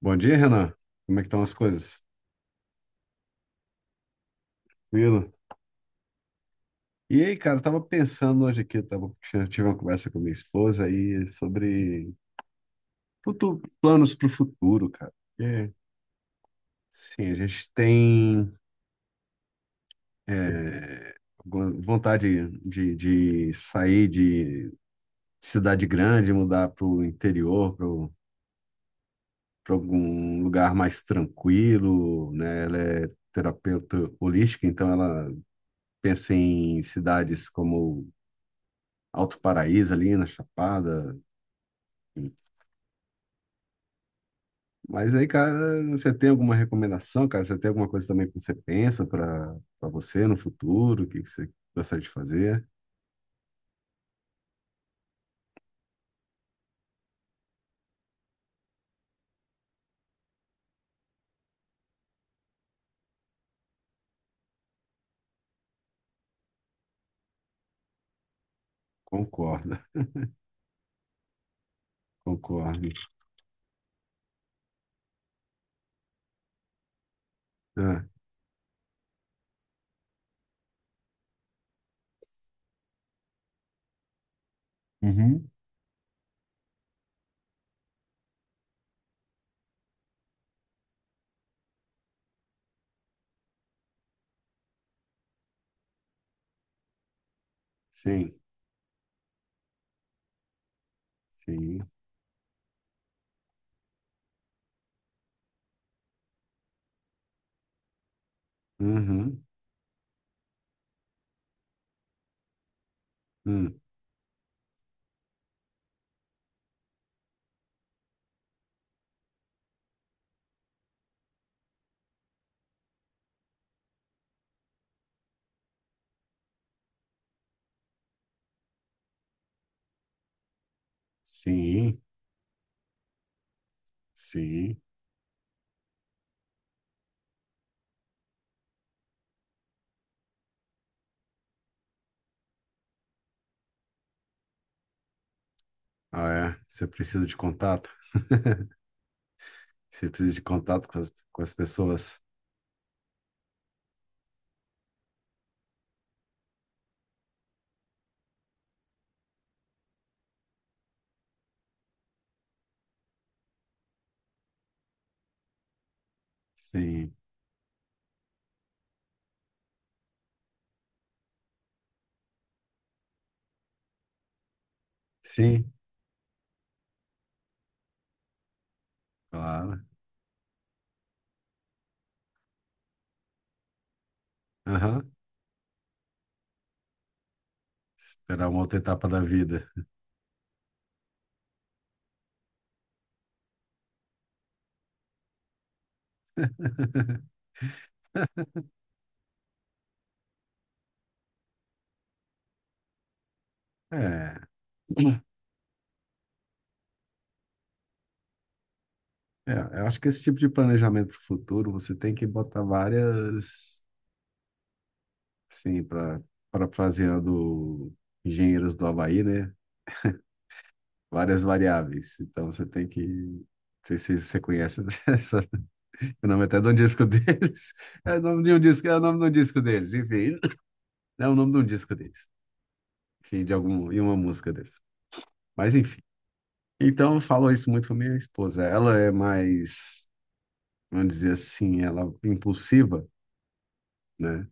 Bom dia, Renan. Como é que estão as coisas? Tranquilo? E aí, cara, eu tava pensando hoje aqui, tive uma conversa com minha esposa aí sobre planos para o futuro, cara. É, sim, a gente tem alguma vontade de sair de cidade grande, mudar para o interior, para algum lugar mais tranquilo, né? Ela é terapeuta holística, então ela pensa em cidades como Alto Paraíso ali na Chapada. Mas aí, cara, você tem alguma recomendação, cara? Você tem alguma coisa também que você pensa para você no futuro? O que que você gostaria de fazer? Concordo, concordo. Ah, uhum, sim, sim. Uhum, hum, sim, sim. Ah, é. Você precisa de contato? Você precisa de contato com as pessoas? Sim, sim, claro. Aham. Esperar uma outra etapa da vida. É. É, eu acho que esse tipo de planejamento para o futuro, você tem que botar várias, sim, para parafraseando engenheiros do Havaí, né? Várias variáveis. Então você tem que. Não sei se você conhece essa. O nome até de um disco deles. É o nome de um disco, é o nome de um disco deles, enfim. É o nome de um disco deles. Enfim, de algum, e uma música deles. Mas enfim. Então eu falo isso muito com minha esposa. Ela é mais, vamos dizer assim, ela é impulsiva, né?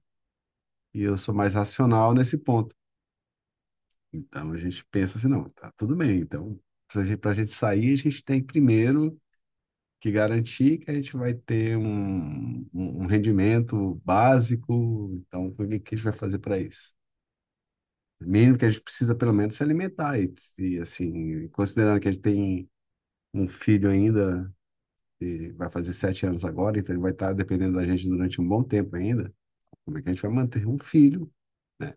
E eu sou mais racional nesse ponto. Então a gente pensa assim, não, tá tudo bem. Então, para a gente pra gente sair, a gente tem primeiro que garantir que a gente vai ter um rendimento básico. Então, o que que a gente vai fazer para isso? O mínimo que a gente precisa, pelo menos, se alimentar. E, assim, considerando que a gente tem um filho ainda, que vai fazer 7 anos agora, então ele vai estar dependendo da gente durante um bom tempo ainda. Como é que a gente vai manter um filho, né?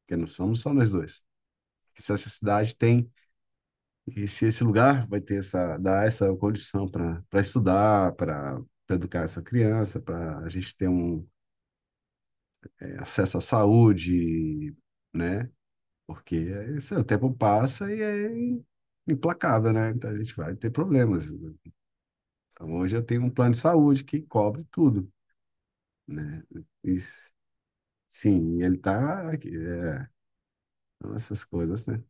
Porque não somos só nós dois. Se essa cidade tem. E se esse lugar vai ter essa, dar essa condição para estudar, para educar essa criança, para a gente ter um acesso à saúde, né? Porque esse, o tempo passa e é implacável, né? Então a gente vai ter problemas. Então hoje eu tenho um plano de saúde que cobre tudo, né? E, sim, ele tá aqui, é, então essas coisas, né?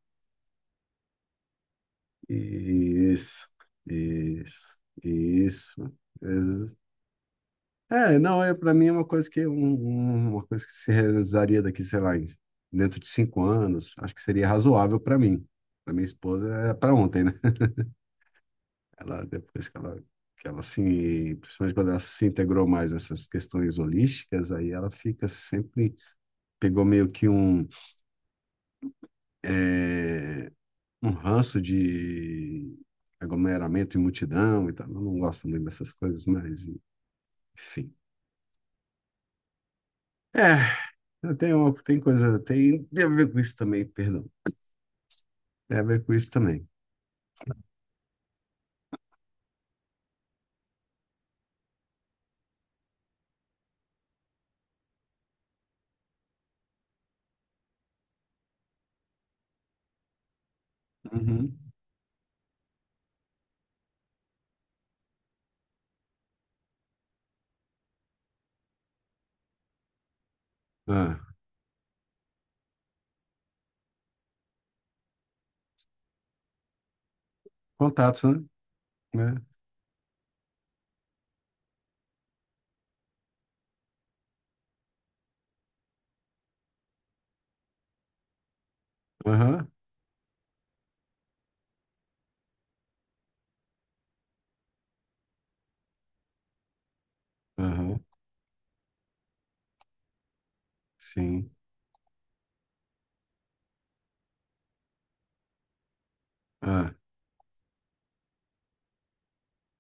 Isso, isso, isso. É, não, é, para mim é uma coisa que uma coisa que se realizaria daqui, sei lá, em- dentro de 5 anos, acho que seria razoável para mim. Para minha esposa é para ontem, né? Ela depois que ela se, principalmente quando ela se integrou mais nessas questões holísticas, aí ela fica sempre pegou meio que um é, um ranço de aglomeramento e multidão e tal. Eu não gosto muito dessas coisas, mas enfim. É, tem, tem coisa, tem, tem a ver com isso também, perdão. Tem a ver com isso também. Uhum. Ah, contatos, né? Né? Aham, aham, sim. Ah,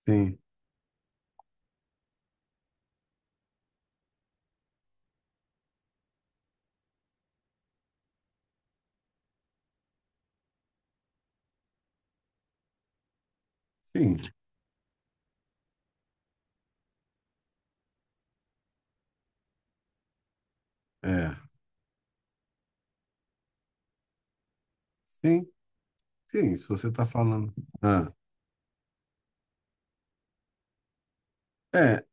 sim, sim, é. Sim, sim, se você está falando. Ah, é,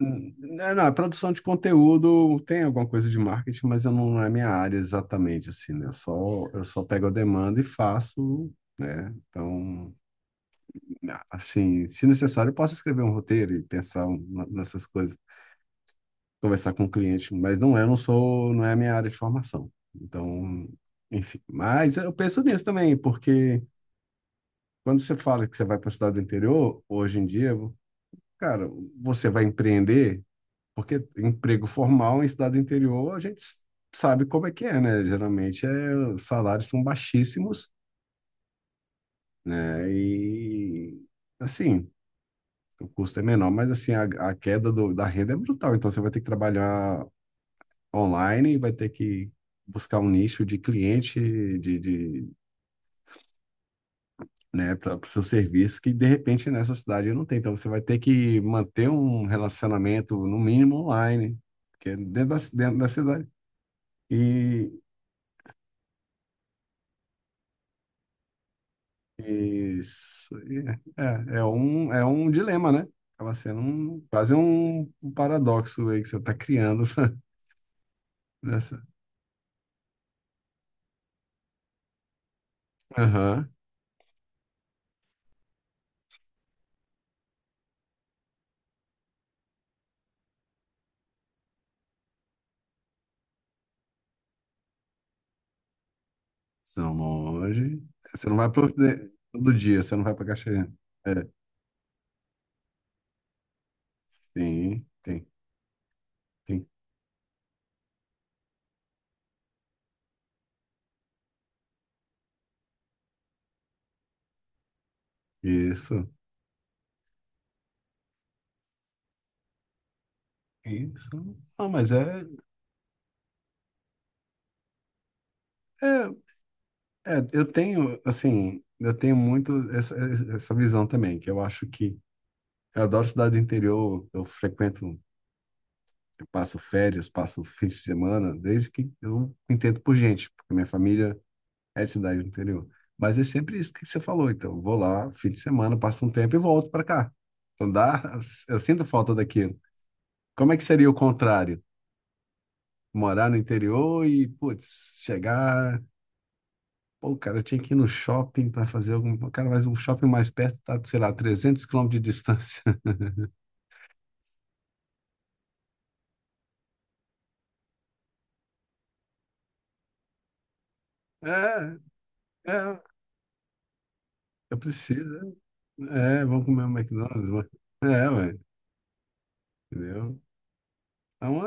não, a produção de conteúdo tem alguma coisa de marketing, mas eu não, não é minha área exatamente, assim, né? Eu só pego a demanda e faço, né? Então, assim, se necessário, eu posso escrever um roteiro e pensar nessas coisas. Conversar com o cliente, mas não é, eu não sou, não é a minha área de formação. Então, enfim, mas eu penso nisso também, porque quando você fala que você vai para a cidade do interior, hoje em dia, cara, você vai empreender, porque emprego formal em cidade do interior, a gente sabe como é que é, né? Geralmente é, os salários são baixíssimos, né? E assim, o custo é menor, mas assim, a queda do, da renda é brutal, então você vai ter que trabalhar online e vai ter que buscar um nicho de cliente de né, para o seu serviço que de repente nessa cidade não tem. Então você vai ter que manter um relacionamento no mínimo online, que é dentro da cidade. E e isso é, é um um dilema, né? Acaba sendo um, quase um, um paradoxo aí que você está criando nessa. Aham. São longe. Você não vai pro, todo dia, você não vai para Caxias. É. Sim, tem, tem. Isso, isso. Ah, mas é, é, é, eu tenho, assim, eu tenho muito essa, essa visão também, que eu acho que eu adoro cidade do interior, eu frequento, eu passo férias, passo fins de semana, desde que eu entendo por gente, porque minha família é de cidade do interior. Mas é sempre isso que você falou, então, eu vou lá, fim de semana, passo um tempo e volto para cá. Então dá, eu sinto falta daquilo. Como é que seria o contrário? Morar no interior e, putz, chegar. Pô, cara, eu tinha que ir no shopping para fazer algum. Cara, mas um shopping mais perto tá, sei lá, 300 quilômetros de distância. É, é, eu preciso. É, é, vamos comer um McDonald's. Vamos. É, ué, entendeu? Então,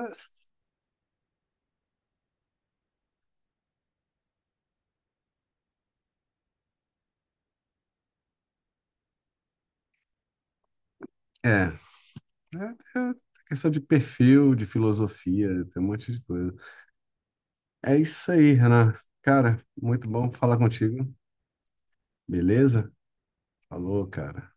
é, é, é questão de perfil, de filosofia, tem um monte de coisa. É isso aí, Renan. Cara, muito bom falar contigo. Beleza? Falou, cara.